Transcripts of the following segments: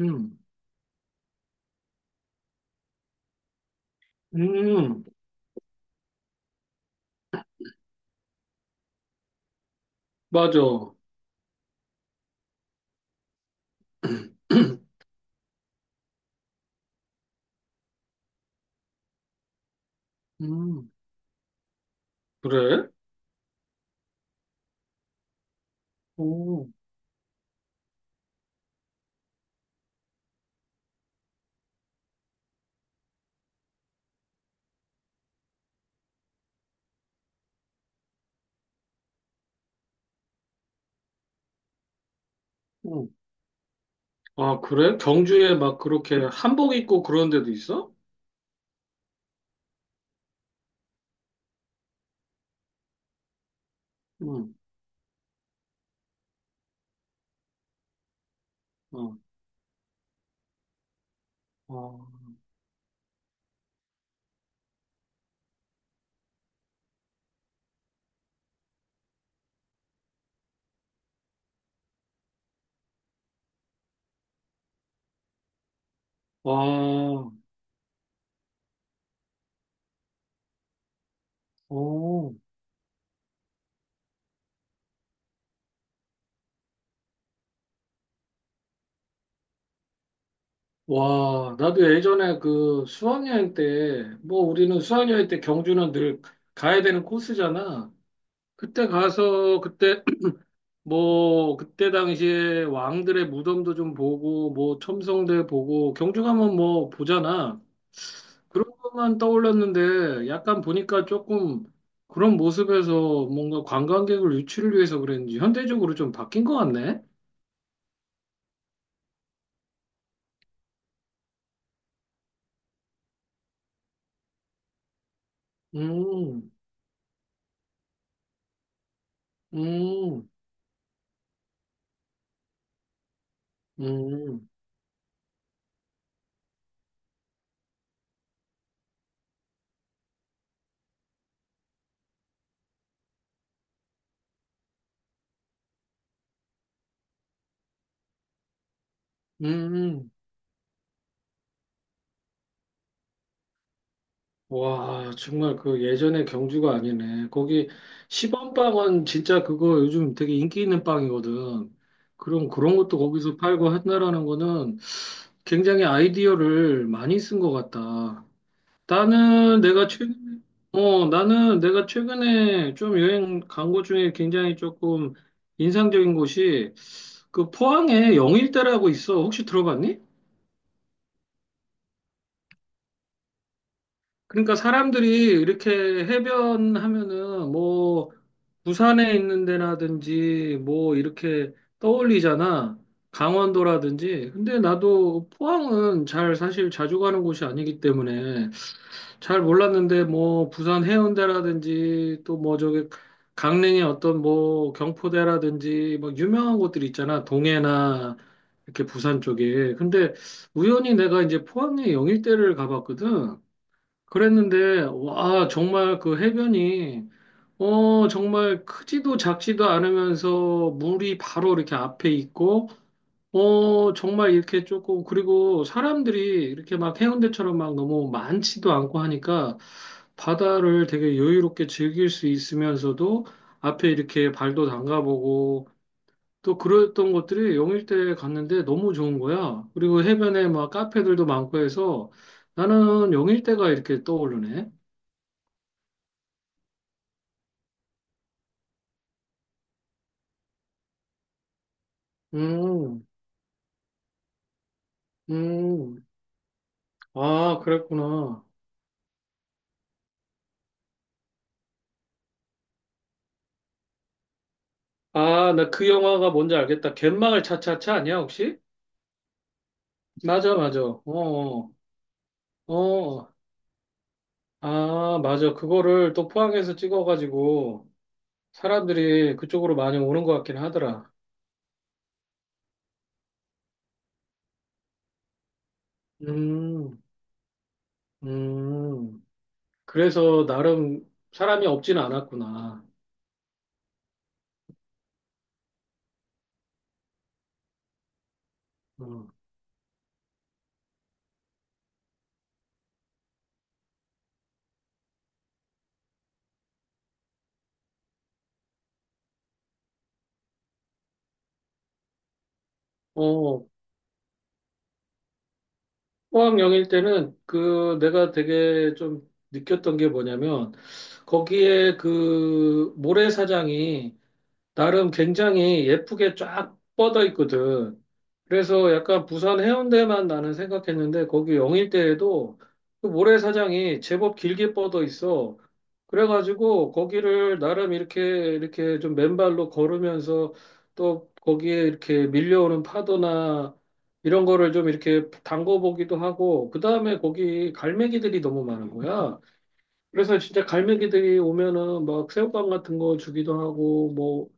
음, 음, 맞아. 음, 그래? 오, 오. 아, 그래? 경주에 막 그렇게 한복 입고 그런 데도 있어? 응. 어, 어. 와, 오, 와, 나도 예전에 그 수학여행 때, 뭐 우리는 수학여행 때 경주는 늘 가야 되는 코스잖아. 그때 가서 그때 뭐 그때 당시에 왕들의 무덤도 좀 보고 뭐 첨성대 보고 경주 가면 뭐 보잖아. 그런 것만 떠올랐는데 약간 보니까 조금 그런 모습에서 뭔가 관광객을 유치를 위해서 그랬는지 현대적으로 좀 바뀐 것 같네. 음. 음. 음. 음. 와, 정말 그 예전의 경주가 아니네. 거기 시범빵은 진짜 그거 요즘 되게 인기 있는 빵이거든. 그럼 그런 것도 거기서 팔고 한다라는 거는 굉장히 아이디어를 많이 쓴 것 같다. 나는 내가 최근에, 나는 내가 최근에 좀 여행 간 곳 중에 굉장히 조금 인상적인 곳이 그 포항에 영일대라고 있어. 혹시 들어봤니? 그러니까 사람들이 이렇게 해변 하면은 뭐 부산에 있는 데라든지 뭐 이렇게 떠올리잖아. 강원도라든지. 근데 나도 포항은 잘 사실 자주 가는 곳이 아니기 때문에 잘 몰랐는데 뭐 부산 해운대라든지 또 뭐 저기 강릉의 어떤 뭐 경포대라든지 뭐 유명한 곳들 있잖아 동해나 이렇게 부산 쪽에. 근데 우연히 내가 이제 포항의 영일대를 가봤거든. 그랬는데 와 정말 그 해변이 정말 크지도 작지도 않으면서 물이 바로 이렇게 앞에 있고 정말 이렇게 조금, 그리고 사람들이 이렇게 막 해운대처럼 막 너무 많지도 않고 하니까 바다를 되게 여유롭게 즐길 수 있으면서도 앞에 이렇게 발도 담가보고 또 그랬던 것들이 영일대에 갔는데 너무 좋은 거야. 그리고 해변에 막 카페들도 많고 해서 나는 영일대가 이렇게 떠오르네. 음. 음. 아, 그랬구나. 아, 나 그 영화가 뭔지 알겠다. 갯마을 차차차 아니야, 혹시? 맞아, 맞아. 어. 어. 어, 아, 맞아. 그거를 또 포항에서 찍어가지고 사람들이 그쪽으로 많이 오는 것 같긴 하더라. 음. 음. 그래서 나름 사람이 없진 않았구나. 음. 어, 포항영일 때는 그 내가 되게 좀 느꼈던 게 뭐냐면 거기에 그 모래사장이 나름 굉장히 예쁘게 쫙 뻗어 있거든. 그래서 약간 부산 해운대만 나는 생각했는데 거기 영일대에도 그 모래사장이 제법 길게 뻗어 있어. 그래가지고 거기를 나름 이렇게 좀 맨발로 걸으면서 또 거기에 이렇게 밀려오는 파도나 이런 거를 좀 이렇게 담궈보기도 하고 그다음에 거기 갈매기들이 너무 많은 거야. 그래서 진짜 갈매기들이 오면은 막 새우깡 같은 거 주기도 하고 뭐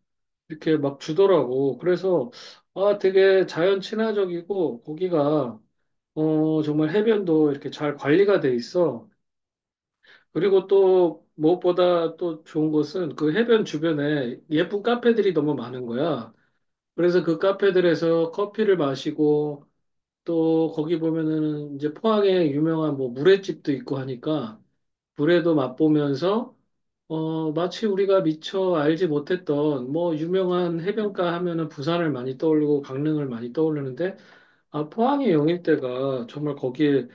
이렇게 막 주더라고. 그래서 아 되게 자연 친화적이고 거기가 정말 해변도 이렇게 잘 관리가 돼 있어. 그리고 또 무엇보다 또 좋은 것은 그 해변 주변에 예쁜 카페들이 너무 많은 거야. 그래서 그 카페들에서 커피를 마시고 또 거기 보면은 이제 포항에 유명한 뭐 물회집도 있고 하니까 물회도 맛보면서 마치 우리가 미처 알지 못했던 뭐 유명한 해변가 하면은 부산을 많이 떠올리고 강릉을 많이 떠오르는데 아, 포항의 영일대가 정말 거기에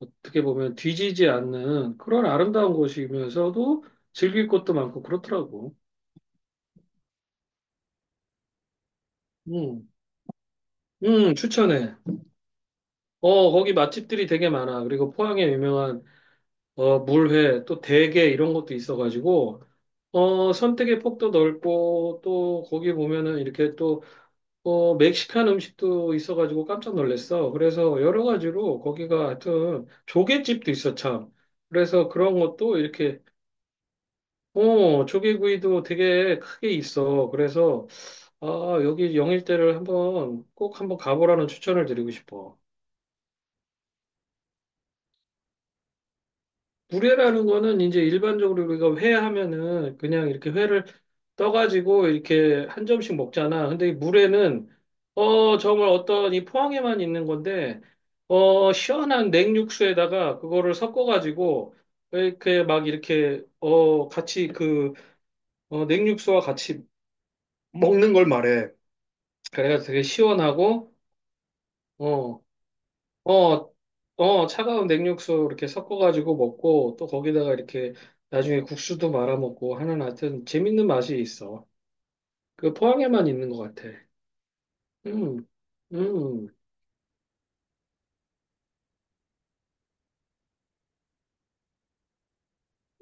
어떻게 보면 뒤지지 않는 그런 아름다운 곳이면서도 즐길 것도 많고 그렇더라고. 음, 추천해. 거기 맛집들이 되게 많아. 그리고 포항에 유명한 물회 또 대게 이런 것도 있어가지고 선택의 폭도 넓고 또 거기 보면은 이렇게 또 멕시칸 음식도 있어가지고 깜짝 놀랐어. 그래서 여러 가지로 거기가 하여튼 조개집도 있어, 참. 그래서 그런 것도 이렇게, 조개구이도 되게 크게 있어. 그래서, 아, 여기 영일대를 한번 꼭 한번 가보라는 추천을 드리고 싶어. 구례라는 거는 이제 일반적으로 우리가 회 하면은 그냥 이렇게 회를 떠가지고 이렇게 한 점씩 먹잖아. 근데 이 물에는 정말 어떤 이 포항에만 있는 건데 시원한 냉육수에다가 그거를 섞어가지고 이렇게 같이 그 냉육수와 같이 먹는 걸 말해. 그래서 되게 시원하고 어 어, 차가운 냉육수 이렇게 섞어가지고 먹고 또 거기다가 이렇게 나중에 국수도 말아 먹고 하는 하여튼 재밌는 맛이 있어. 그 포항에만 있는 것 같아. 음, 음,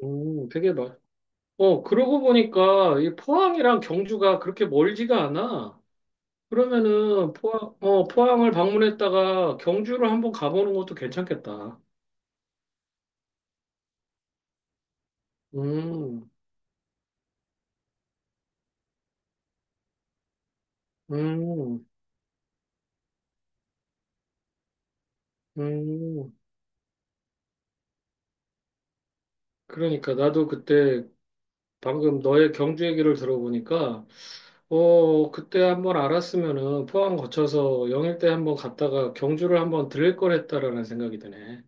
되게 맛. 그러고 보니까 이 포항이랑 경주가 그렇게 멀지가 않아. 그러면은 포항을 방문했다가 경주를 한번 가보는 것도 괜찮겠다. 음. 음. 음. 그러니까 나도 그때 방금 너의 경주 얘기를 들어보니까 그때 한번 알았으면은 포항 거쳐서 영일대 한번 갔다가 경주를 한번 들릴 걸 했다라는 생각이 드네.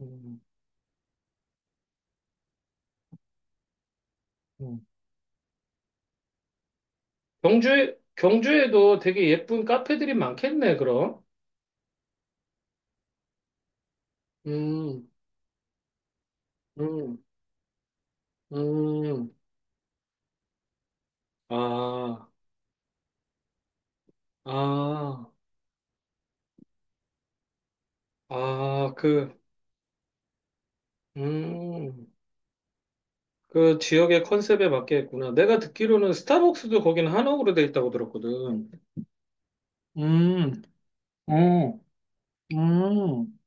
음. 음. 경주에, 경주에도 되게 예쁜 카페들이 많겠네, 그럼. 음. 음. 음. 아, 아, 아, 그, 음, 그 지역의 컨셉에 맞게 했구나. 내가 듣기로는 스타벅스도 거기는 한옥으로 돼 있다고 들었거든. 음. 어. 음.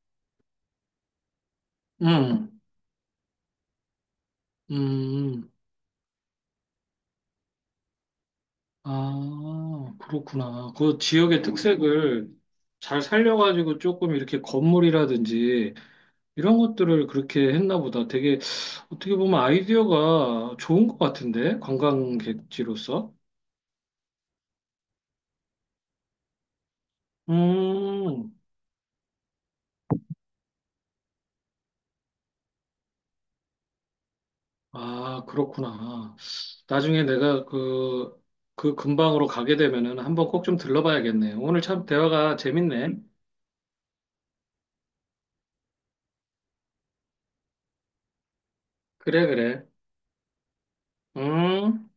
음. 음. 아, 그렇구나. 그 지역의 특색을 잘 살려가지고 조금 이렇게 건물이라든지 이런 것들을 그렇게 했나 보다. 되게 어떻게 보면 아이디어가 좋은 것 같은데, 관광객지로서. 음, 아, 그렇구나. 나중에 내가 그, 그 근방으로 가게 되면은 한번 꼭 좀 들러봐야겠네. 오늘 참 대화가 재밌네. 그래, 그래. 음.